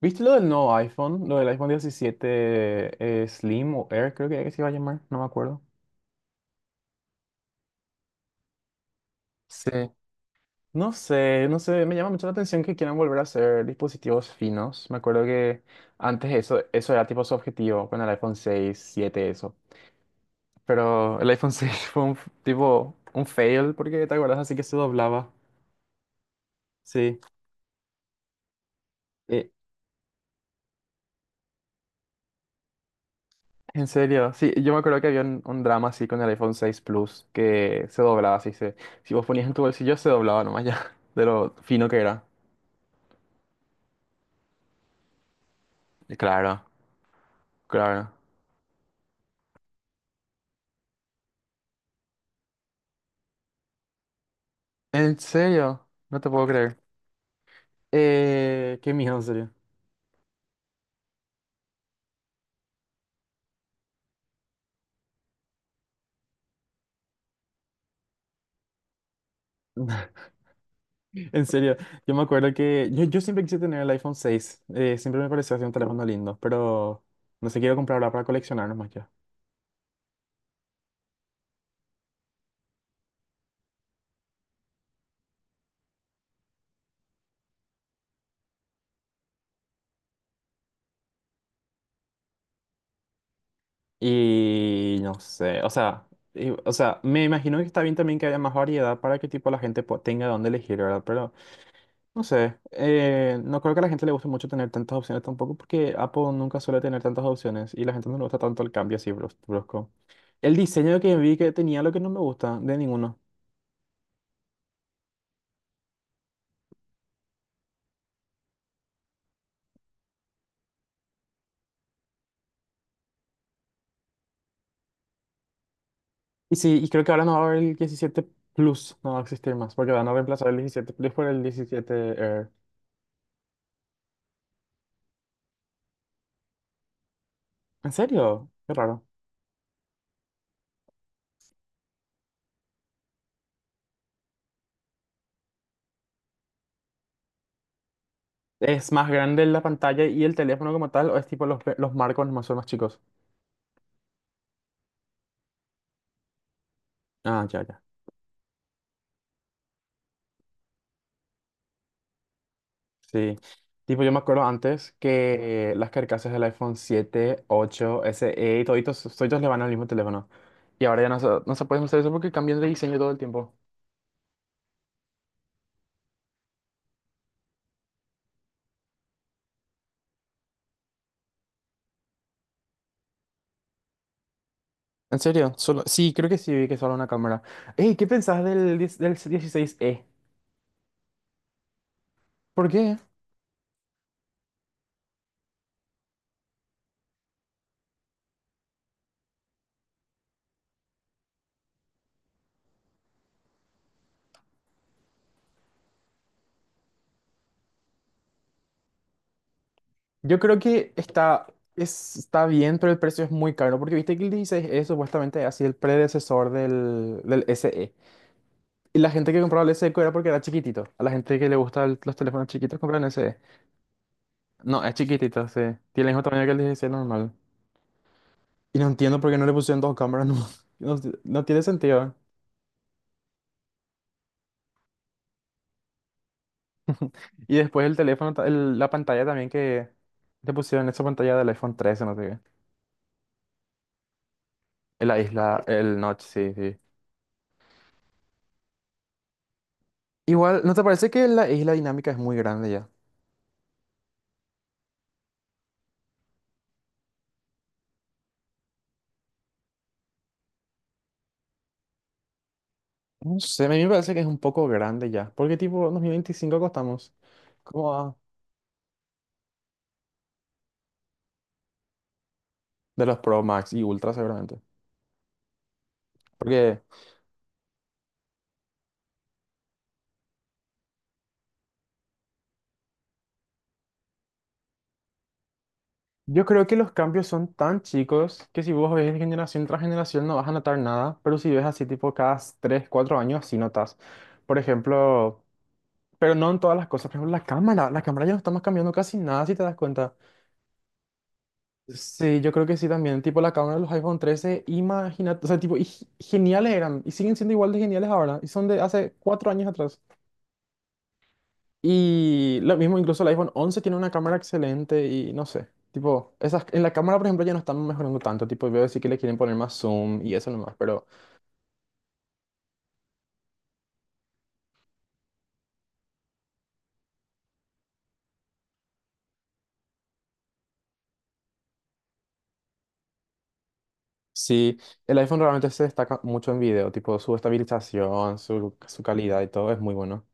¿Viste lo del nuevo iPhone? Lo del iPhone diecisiete Slim o Air, creo que se iba a llamar, no me acuerdo. Sí. No sé, me llama mucho la atención que quieran volver a hacer dispositivos finos. Me acuerdo que antes eso era tipo su objetivo con el iPhone seis siete eso. Pero el iPhone 6 fue tipo un fail porque te acuerdas así que se doblaba. Sí. Eh, En serio, sí, yo me acuerdo que había un drama así con el iPhone seis Plus que se doblaba, así se, si vos ponías en tu bolsillo se doblaba nomás ya, de lo fino que era. Claro, claro. En serio, no te puedo creer. Qué miedo, en serio. En serio, yo me acuerdo que yo siempre quise tener el iPhone seis. Siempre me pareció así un teléfono lindo, pero no sé, quiero comprarlo para coleccionar nomás ya. Y no sé, o sea, o sea, me imagino que está bien también que haya más variedad para que tipo la gente tenga dónde elegir, ¿verdad? Pero no sé, no creo que a la gente le guste mucho tener tantas opciones tampoco porque Apple nunca suele tener tantas opciones y la gente no le gusta tanto el cambio así brusco. El diseño que vi que tenía lo que no me gusta de ninguno. Y sí, y creo que ahora no va a haber el 17 Plus, no va a existir más porque van a reemplazar el 17 Plus por el 17 Air. ¿En serio? Qué raro. ¿Es más grande la pantalla y el teléfono como tal o es tipo los marcos nomás son más chicos? Ah, ya, ya. Sí. Tipo, yo me acuerdo antes que las carcasas del iPhone 7, 8, SE y toditos le van al mismo teléfono. Y ahora ya no se puede usar eso porque cambian de diseño todo el tiempo. ¿En serio? Solo, sí, creo que sí, vi que solo una cámara. Ey, ¿qué pensás del 10 del dieciséis e? ¿Por qué? Yo creo que está bien, pero el precio es muy caro, porque viste que el 16E supuestamente ha sido el predecesor del SE. Y la gente que compraba el SE era porque era chiquitito. A la gente que le gustan los teléfonos chiquitos compran el SE. No, es chiquitito, sí. Tiene el mismo tamaño que el 16 normal. Y no entiendo por qué no le pusieron dos cámaras, no, no, no tiene sentido. Y después el teléfono, la pantalla también que le pusieron esa pantalla del iPhone 13, no sé qué. En La isla, el notch, sí, sí. Igual, ¿no te parece que la isla dinámica es muy grande ya? No sé, a mí me parece que es un poco grande ya. Porque tipo, en 2025 costamos como a- de los Pro Max y Ultra seguramente. Porque yo creo que los cambios son tan chicos que si vos ves de generación tras generación no vas a notar nada. Pero si ves así tipo cada 3 4 años sí notas. Por ejemplo, pero no en todas las cosas. Por ejemplo, la cámara. La cámara ya no estamos cambiando casi nada si te das cuenta. Sí, yo creo que sí también. Tipo la cámara de los iPhone 13 imagínate, o sea, tipo, y geniales eran. Y siguen siendo igual de geniales ahora. Y son de hace 4 años atrás. Y lo mismo, incluso el iPhone 11 tiene una cámara excelente y no sé, tipo, esas, en la cámara, por ejemplo, ya no están mejorando tanto, tipo, veo sí que le quieren poner más zoom y eso nomás, pero sí, el iPhone realmente se destaca mucho en video, tipo, su estabilización, su calidad y todo es muy bueno.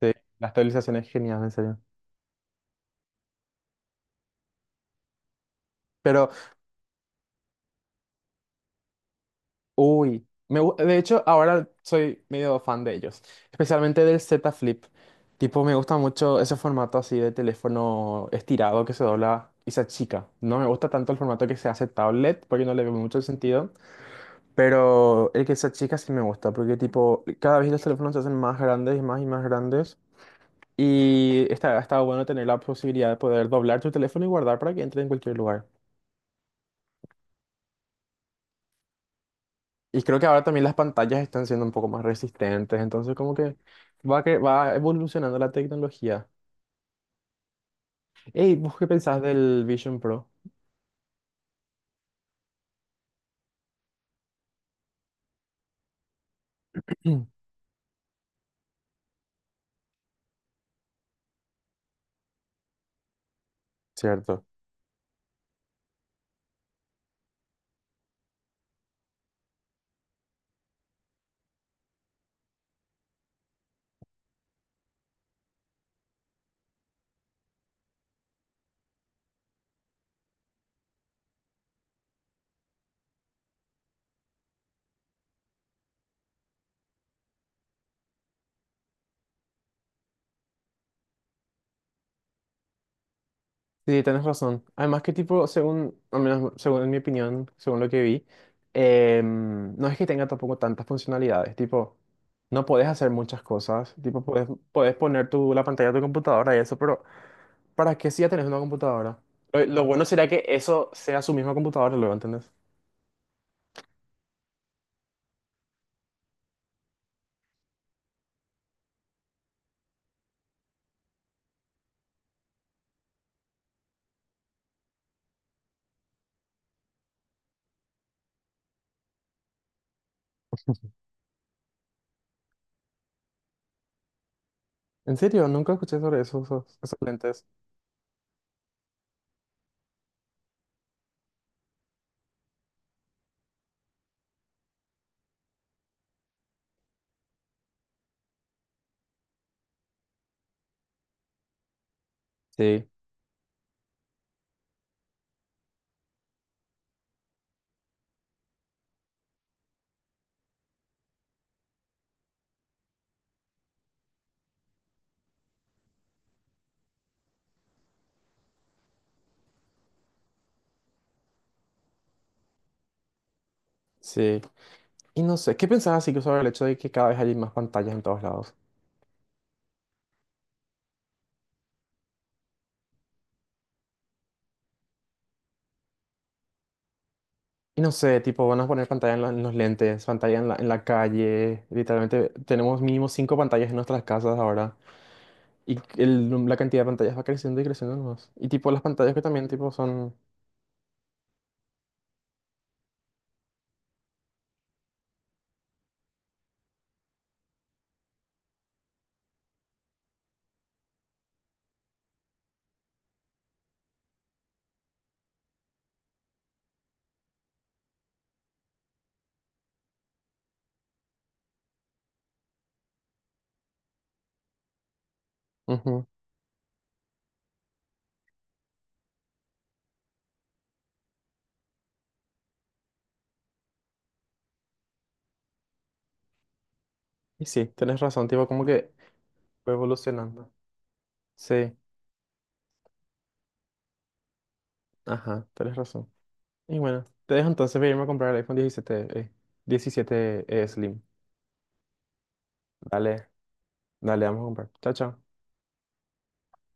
Sí, la estabilización es genial, en serio. Pero uy, de hecho ahora soy medio fan de ellos, especialmente del Z Flip. Tipo, me gusta mucho ese formato así de teléfono estirado que se dobla y se achica. No me gusta tanto el formato que se hace tablet porque no le veo mucho el sentido, pero el que se achica sí me gusta porque tipo, cada vez los teléfonos se hacen más grandes y más grandes y está bueno tener la posibilidad de poder doblar tu teléfono y guardar para que entre en cualquier lugar. Y creo que ahora también las pantallas están siendo un poco más resistentes, entonces como que va evolucionando la tecnología. Ey, ¿vos qué pensás del Vision Pro? Cierto. Sí, tenés razón. Además que tipo, según, al menos según en mi opinión, según lo que vi, no es que tenga tampoco tantas funcionalidades, tipo, no podés hacer muchas cosas, tipo, podés, podés poner tu, la pantalla de tu computadora y eso, pero ¿para qué si ya tenés una computadora? Lo bueno sería que eso sea su misma computadora, luego, ¿entendés? En serio, nunca escuché sobre esos lentes. Sí, sí. Y no sé, ¿qué pensabas así que sobre el hecho de que cada vez hay más pantallas en todos lados? Y no sé, tipo, van a poner pantalla en, en los lentes, pantalla en la calle. Literalmente tenemos mínimo 5 pantallas en nuestras casas ahora. Y el la cantidad de pantallas va creciendo y creciendo más. Y tipo, las pantallas que también, tipo, son... Ujú. Y sí, tenés razón, tipo, como que va evolucionando. Sí, ajá, tenés razón. Y bueno, te dejo entonces para irme a comprar el iPhone diecisiete, 17 Slim. Dale, dale, vamos a comprar. Chao, chao.